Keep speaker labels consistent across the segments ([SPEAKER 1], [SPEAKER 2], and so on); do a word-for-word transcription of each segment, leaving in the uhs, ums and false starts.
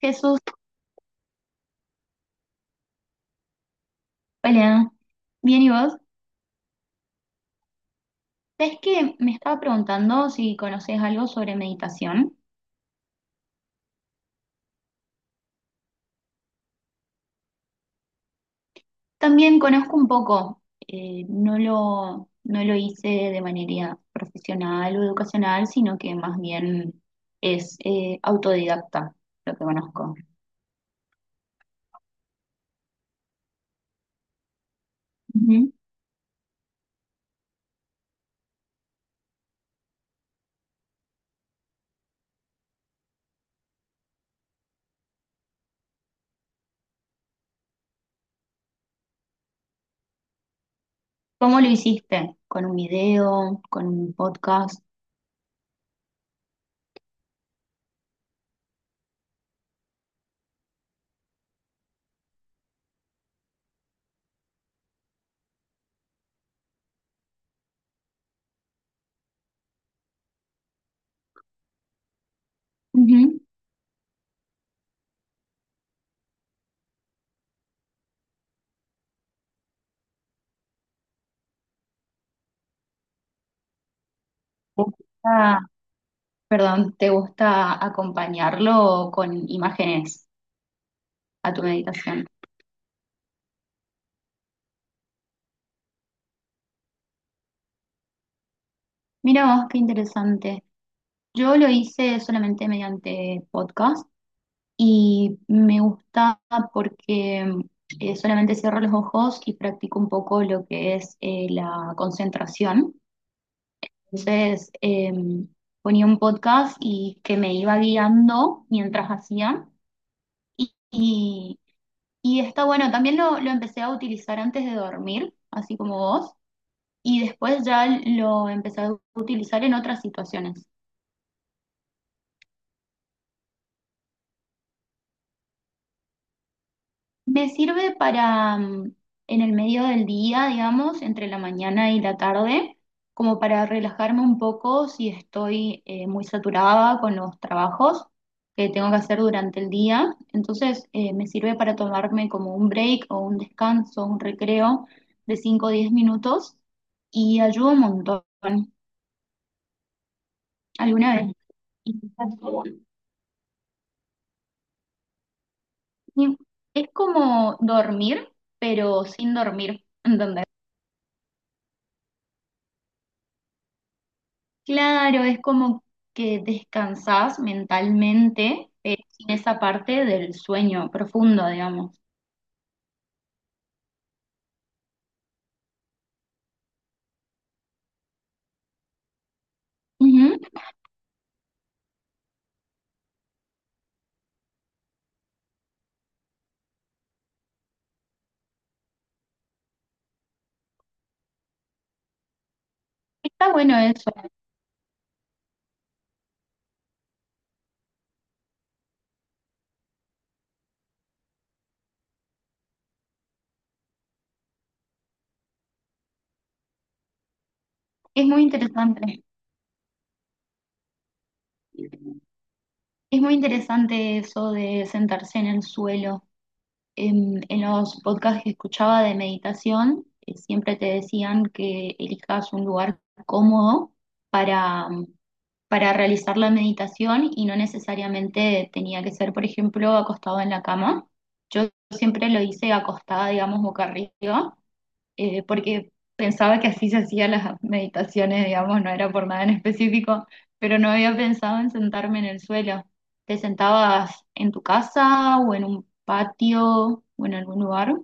[SPEAKER 1] Jesús, hola. Bien, ¿y vos? ¿Sabés que me estaba preguntando si conocés algo sobre meditación? También conozco un poco, eh, no lo, no lo hice de manera profesional o educacional, sino que más bien es eh, autodidacta lo que conozco. Ujú. ¿Cómo lo hiciste? ¿Con un video? ¿Con un podcast? Ujú. ¿Te gusta- Perdón, ¿te gusta acompañarlo con imágenes a tu meditación? Mira vos, qué interesante. Yo lo hice solamente mediante podcast y me gusta porque eh, solamente cierro los ojos y practico un poco lo que es eh, la concentración. Entonces eh, ponía un podcast y que me iba guiando mientras hacía. Y, y, y está bueno, también lo, lo empecé a utilizar antes de dormir, así como vos, y después ya lo empecé a utilizar en otras situaciones. Me sirve para mm, en el medio del día, digamos, entre la mañana y la tarde, como para relajarme un poco si estoy eh, muy saturada con los trabajos que tengo que hacer durante el día. Entonces, eh, me sirve para tomarme como un break o un descanso, un recreo de cinco o diez minutos y ayuda un montón. Alguna vez. Sí. Es como dormir, pero sin dormir, ¿entendés? Claro, es como que descansás mentalmente eh, sin esa parte del sueño profundo, digamos. Ujú. Está bueno eso, es muy interesante. Es muy interesante eso de sentarse en el suelo. En, en los podcasts que escuchaba de meditación, eh, siempre te decían que elijas un lugar cómodo para, para, realizar la meditación y no necesariamente tenía que ser, por ejemplo, acostado en la cama. Yo siempre lo hice acostada, digamos, boca arriba, eh, porque pensaba que así se hacían las meditaciones, digamos, no era por nada en específico, pero no había pensado en sentarme en el suelo. ¿Te sentabas en tu casa o en un patio o en algún lugar?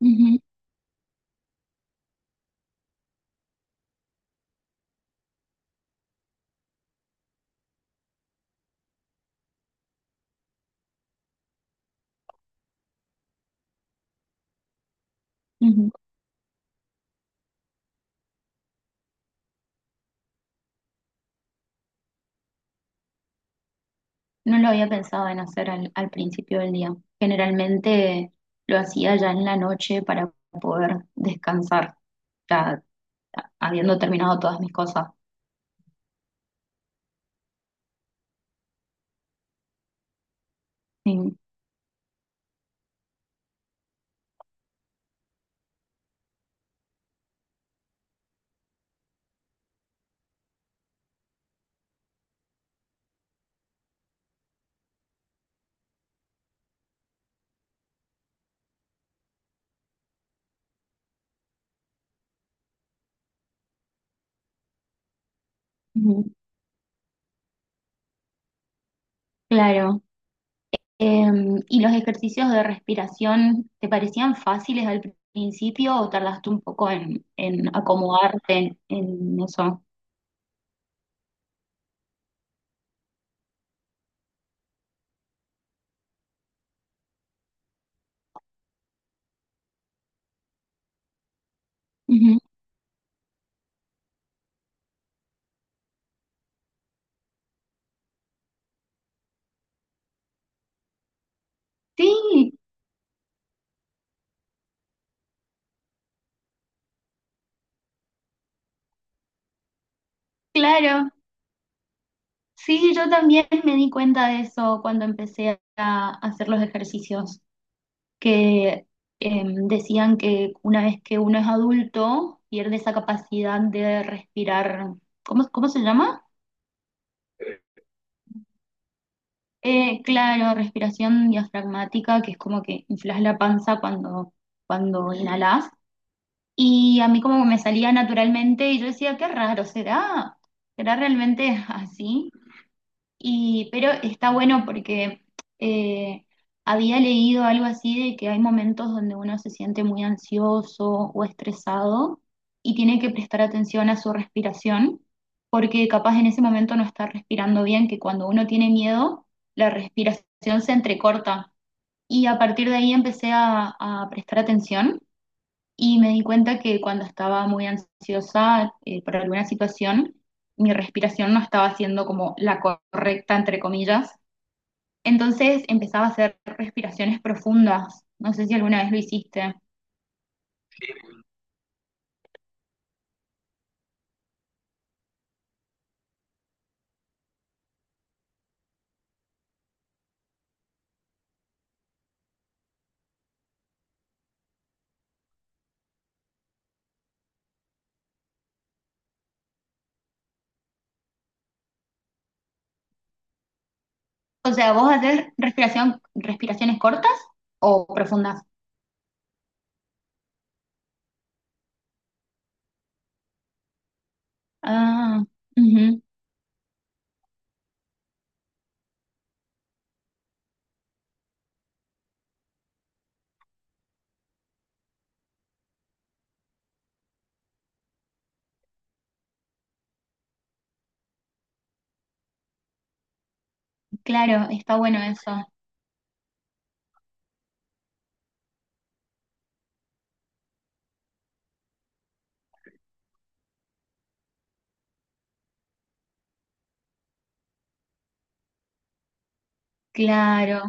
[SPEAKER 1] Ujú, ujú. No lo había pensado en hacer al, al, principio del día. Generalmente lo hacía ya en la noche para poder descansar, ya habiendo terminado todas mis cosas. Sí. Ujú. Claro. Em, ¿y los ejercicios de respiración te parecían fáciles al principio o tardaste un poco en, en acomodarte en, en eso? Ujú. Sí, claro. Sí, yo también me di cuenta de eso cuando empecé a a hacer los ejercicios. Que em, decían que una vez que uno es adulto pierde esa capacidad de respirar. ¿cómo, cómo, se llama? Eh, claro, respiración diafragmática, que es como que inflas la panza cuando, cuando inhalas. Y a mí como que me salía naturalmente y yo decía, qué raro. ¿Será? ¿Será realmente así? Y, pero está bueno porque eh, había leído algo así de que hay momentos donde uno se siente muy ansioso o estresado y tiene que prestar atención a su respiración, porque capaz en ese momento no está respirando bien, que cuando uno tiene miedo, la respiración se entrecorta. Y a partir de ahí empecé a, a prestar atención y me di cuenta que cuando estaba muy ansiosa eh, por alguna situación, mi respiración no estaba siendo como la correcta, entre comillas. Entonces empezaba a hacer respiraciones profundas. No sé si alguna vez lo hiciste. O sea, ¿vos haces respiración, respiraciones cortas o profundas? Ah, ujú. Claro, está bueno eso. Claro.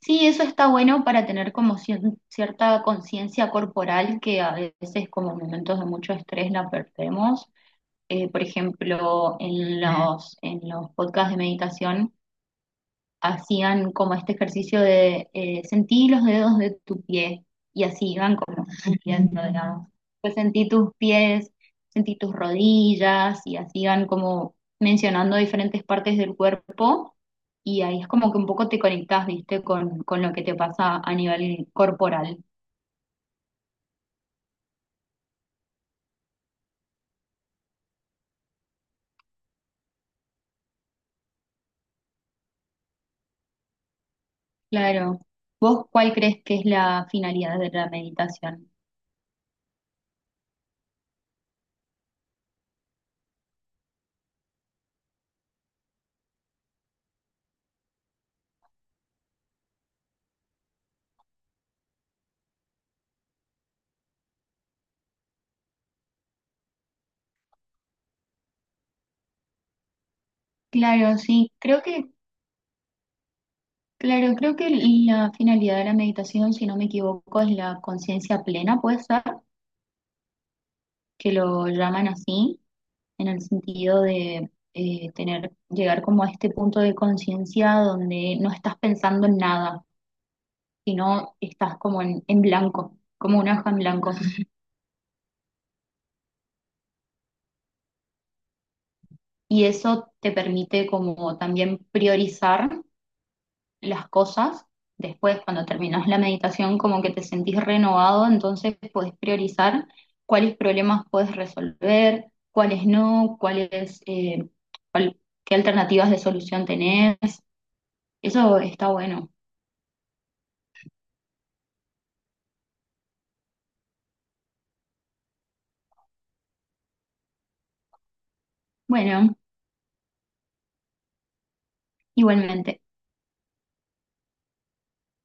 [SPEAKER 1] Sí, eso está bueno para tener como cien- cierta conciencia corporal que a veces como en momentos de mucho estrés la perdemos. Eh, por ejemplo, en los, en los, podcasts de meditación hacían como este ejercicio de eh, sentí los dedos de tu pie y así iban como sintiendo, digamos. Pues sentí tus pies, sentí tus rodillas y así iban como mencionando diferentes partes del cuerpo y ahí es como que un poco te conectás, viste, con, con lo que te pasa a nivel corporal. Claro. ¿Vos cuál crees que es la finalidad de la meditación? Claro, sí, creo que Claro, creo que la finalidad de la meditación, si no me equivoco, es la conciencia plena, puede ser que lo llaman así, en el sentido de eh, tener, llegar como a este punto de conciencia donde no estás pensando en nada, sino estás como en, en, blanco, como una hoja en blanco. Y eso te permite como también priorizar las cosas. Después, cuando terminas la meditación, como que te sentís renovado, entonces podés priorizar cuáles problemas puedes resolver, cuáles no, cuáles, eh, cuál- qué alternativas de solución tenés. Eso está bueno. Bueno, igualmente.